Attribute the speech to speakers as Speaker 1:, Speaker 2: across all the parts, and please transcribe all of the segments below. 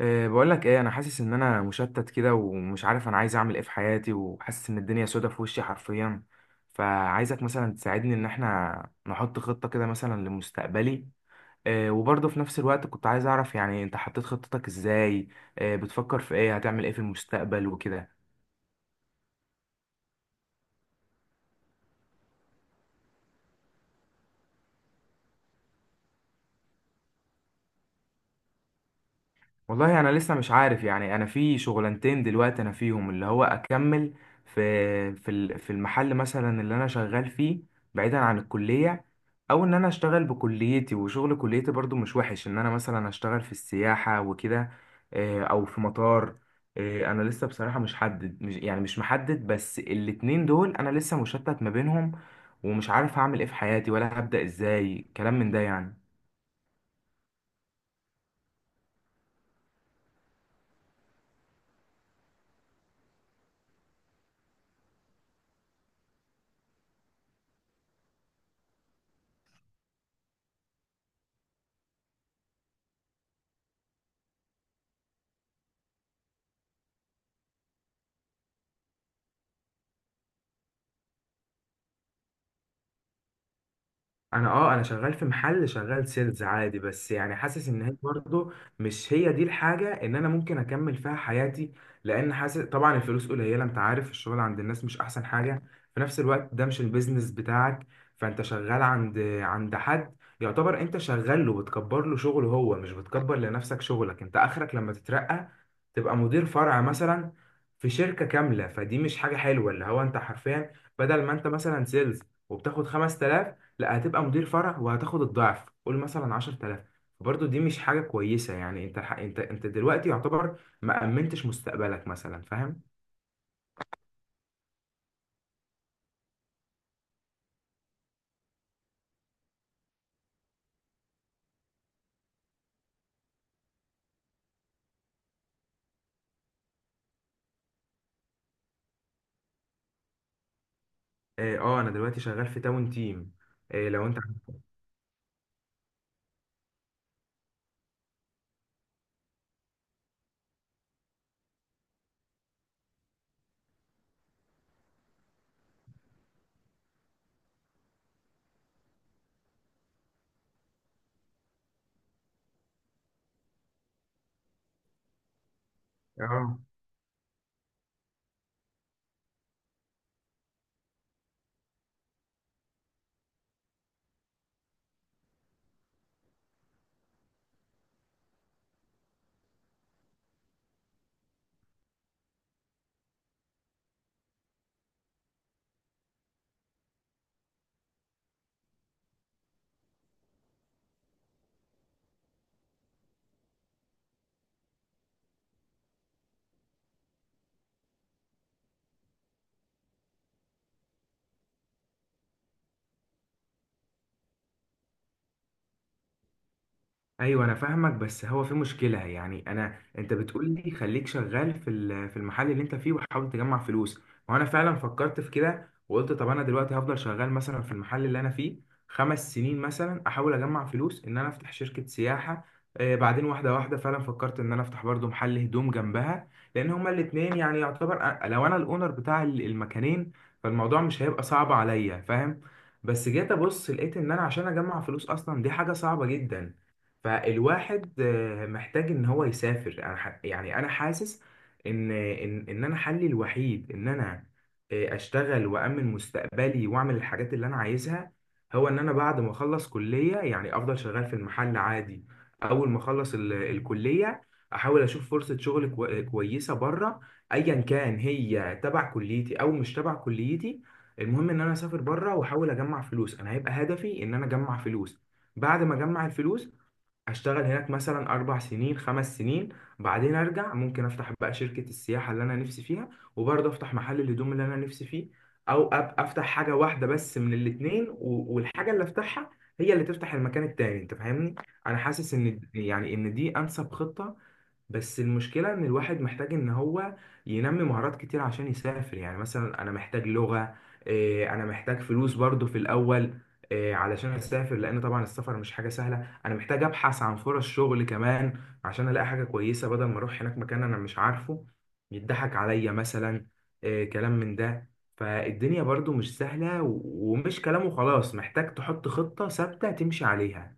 Speaker 1: بقول لك ايه، انا حاسس ان انا مشتت كده ومش عارف انا عايز اعمل ايه في حياتي، وحاسس ان الدنيا سودة في وشي حرفيا. فعايزك مثلا تساعدني ان احنا نحط خطة كده مثلا لمستقبلي. وبرضه في نفس الوقت كنت عايز اعرف، يعني انت حطيت خطتك ازاي؟ بتفكر في ايه؟ هتعمل ايه في المستقبل وكده؟ والله انا لسه مش عارف، يعني انا في شغلانتين دلوقتي انا فيهم، اللي هو اكمل في المحل مثلا اللي انا شغال فيه بعيدا عن الكلية، او ان انا اشتغل بكليتي، وشغل كليتي برضو مش وحش، ان انا مثلا اشتغل في السياحة وكده. او في مطار. انا لسه بصراحة مش، يعني مش محدد، بس الاتنين دول انا لسه مشتت ما بينهم، ومش عارف هعمل ايه في حياتي، ولا هبدأ ازاي، كلام من ده يعني. انا شغال في محل، شغال سيلز عادي، بس يعني حاسس ان هي برضه مش هي دي الحاجه ان انا ممكن اكمل فيها حياتي. لان حاسس طبعا الفلوس قليله، انت عارف الشغل عند الناس مش احسن حاجه. في نفس الوقت ده مش البيزنس بتاعك، فانت شغال عند حد، يعتبر انت شغال له، بتكبر له شغله هو، مش بتكبر لنفسك شغلك، انت اخرك لما تترقى تبقى مدير فرع مثلا في شركه كامله. فدي مش حاجه حلوه، اللي هو انت حرفيا بدل ما انت مثلا سيلز وبتاخد 5000، لا هتبقى مدير فرع وهتاخد الضعف، قول مثلا 10000. برضه دي مش حاجة كويسة، يعني انت ح- انت انت دلوقتي يعتبر ما أمنتش مستقبلك مثلا، فاهم. اه، انا دلوقتي شغال في تاون تيم. لو انت. اه، ايوه انا فاهمك، بس هو في مشكله، يعني انت بتقول لي خليك شغال في المحل اللي انت فيه وحاول تجمع فلوس. وانا فعلا فكرت في كده، وقلت طب انا دلوقتي هفضل شغال مثلا في المحل اللي انا فيه 5 سنين مثلا، احاول اجمع فلوس ان انا افتح شركه سياحه. بعدين واحده واحده فعلا فكرت ان انا افتح برضو محل هدوم جنبها، لان هما الاتنين يعني يعتبر، لو انا الاونر بتاع المكانين فالموضوع مش هيبقى صعب عليا، فاهم. بس جيت ابص لقيت ان انا عشان اجمع فلوس اصلا دي حاجه صعبه جدا. فالواحد محتاج ان هو يسافر. يعني انا حاسس ان انا حلي الوحيد ان انا اشتغل وامن مستقبلي واعمل الحاجات اللي انا عايزها، هو ان انا بعد ما اخلص كلية، يعني افضل شغال في المحل عادي. اول ما اخلص الكلية، احاول اشوف فرصة شغل كويسة بره، ايا كان هي تبع كليتي او مش تبع كليتي. المهم ان انا اسافر بره واحاول اجمع فلوس. انا هيبقى هدفي ان انا اجمع فلوس. بعد ما اجمع الفلوس هشتغل هناك مثلا 4 سنين 5 سنين بعدين أرجع ممكن أفتح بقى شركة السياحة اللي أنا نفسي فيها، وبرضه أفتح محل الهدوم اللي أنا نفسي فيه. أو أفتح حاجة واحدة بس من الاتنين، و- والحاجة اللي أفتحها هي اللي تفتح المكان التاني، أنت فاهمني؟ أنا حاسس إن يعني إن دي أنسب خطة، بس المشكلة إن الواحد محتاج إن هو ينمي مهارات كتير عشان يسافر، يعني مثلا أنا محتاج لغة. إيه، أنا محتاج فلوس برضه في الأول. إيه، علشان أسافر، لأن طبعا السفر مش حاجة سهلة. انا محتاج ابحث عن فرص شغل كمان، عشان الاقي حاجه كويسه بدل ما اروح هناك مكان انا مش عارفه، يضحك عليا مثلا. كلام من ده. فالدنيا برضو مش سهله، ومش كلام وخلاص، محتاج تحط خطه ثابته تمشي عليها.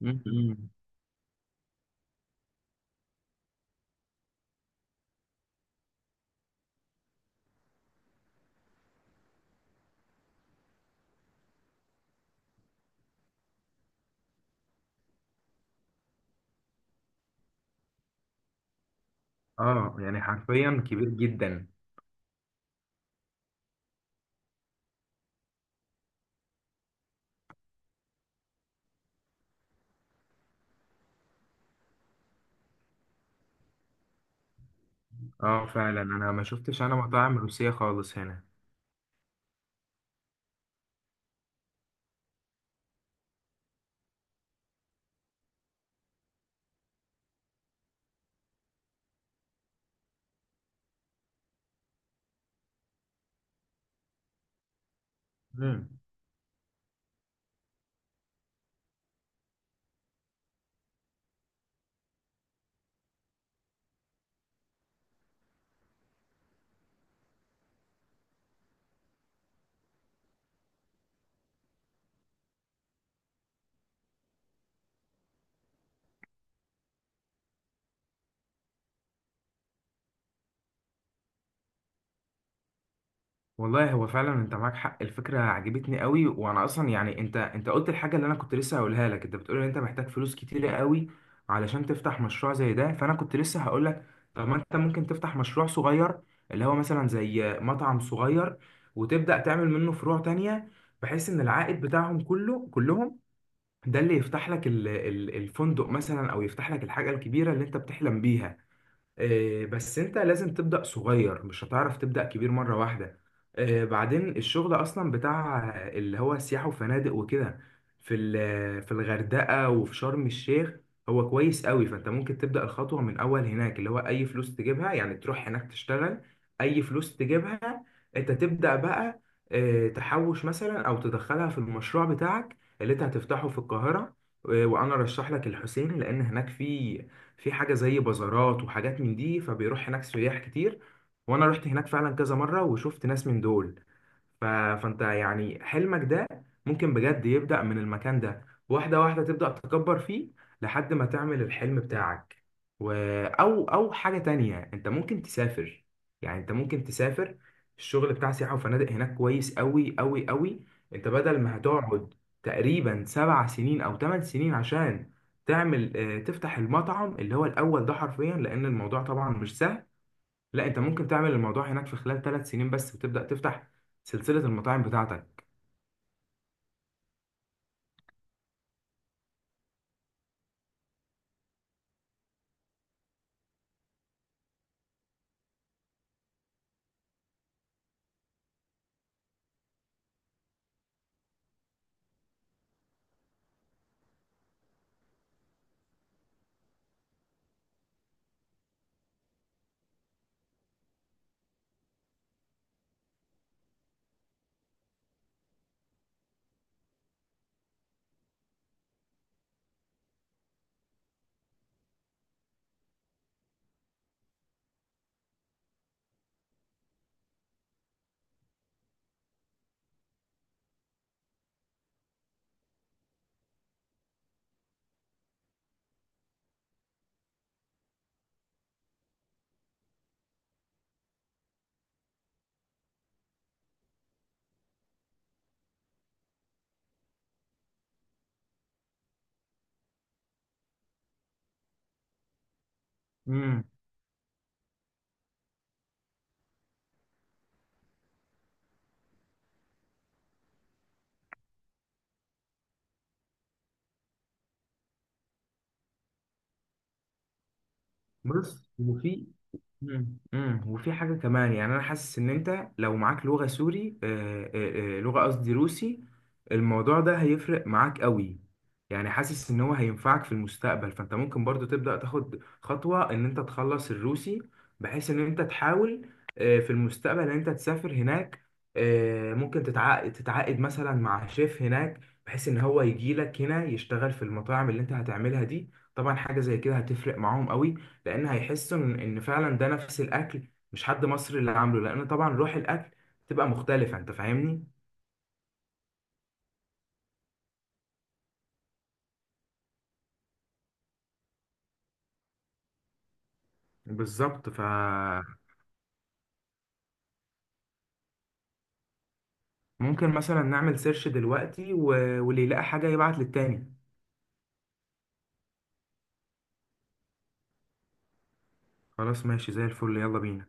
Speaker 1: مم. اه، يعني حرفيا كبير جدا. اه، فعلا انا ما شفتش انا مطاعم روسيه خالص هنا. مم. والله هو فعلا انت معاك حق، الفكره عجبتني قوي، وانا اصلا يعني انت قلت الحاجه اللي انا كنت لسه هقولها لك. انت بتقول ان انت محتاج فلوس كتيره قوي علشان تفتح مشروع زي ده، فانا كنت لسه هقول لك طب ما انت ممكن تفتح مشروع صغير، اللي هو مثلا زي مطعم صغير، وتبدا تعمل منه فروع تانية، بحيث ان العائد بتاعهم كله كلهم ده اللي يفتح لك الفندق مثلا، او يفتح لك الحاجه الكبيره اللي انت بتحلم بيها. بس انت لازم تبدأ صغير، مش هتعرف تبدأ كبير مرة واحدة. بعدين الشغل اصلا بتاع اللي هو سياحة وفنادق وكده في الغردقة وفي شرم الشيخ، هو كويس قوي، فانت ممكن تبدأ الخطوة من اول هناك، اللي هو اي فلوس تجيبها يعني تروح هناك تشتغل، اي فلوس تجيبها انت تبدأ بقى، تحوش مثلا، او تدخلها في المشروع بتاعك اللي انت هتفتحه في القاهرة. وانا رشح لك الحسين، لان هناك في حاجة زي بازارات وحاجات من دي، فبيروح هناك سياح كتير، وانا رحت هناك فعلا كذا مرة وشفت ناس من دول. فانت يعني حلمك ده ممكن بجد يبدأ من المكان ده، واحدة واحدة تبدأ تكبر فيه لحد ما تعمل الحلم بتاعك. و... أو أو حاجة تانية، أنت ممكن تسافر. يعني أنت ممكن تسافر، الشغل بتاع سياحة وفنادق هناك كويس أوي أوي أوي، أنت بدل ما هتقعد تقريبا 7 سنين أو 8 سنين عشان تعمل آه، تفتح المطعم اللي هو الاول ده حرفيا، لان الموضوع طبعا مش سهل، لا انت ممكن تعمل الموضوع هناك في خلال 3 سنين بس وتبدا تفتح سلسله المطاعم بتاعتك. امم. بص، وفي. مم. مم. وفي حاجة كمان، يعني أنا حاسس إن أنت لو معاك لغة سوري، لغة، قصدي روسي، الموضوع ده هيفرق معاك قوي. يعني حاسس إن هو هينفعك في المستقبل، فأنت ممكن برضو تبدأ تاخد خطوة إن أنت تخلص الروسي، بحيث إن أنت تحاول في المستقبل إن أنت تسافر هناك. ممكن تتعاقد مثلا مع شيف هناك، بحيث إن هو يجي لك هنا يشتغل في المطاعم اللي أنت هتعملها دي. طبعا حاجة زي كده هتفرق معاهم قوي، لان هيحسوا إن فعلا ده نفس الاكل، مش حد مصري اللي عامله، لان طبعا روح الاكل بتبقى مختلفه، انت فاهمني. بالظبط، فممكن مثلا نعمل سيرش دلوقتي، واللي يلاقي حاجه يبعت للتاني. خلاص ماشي، زي الفل، يلا بينا.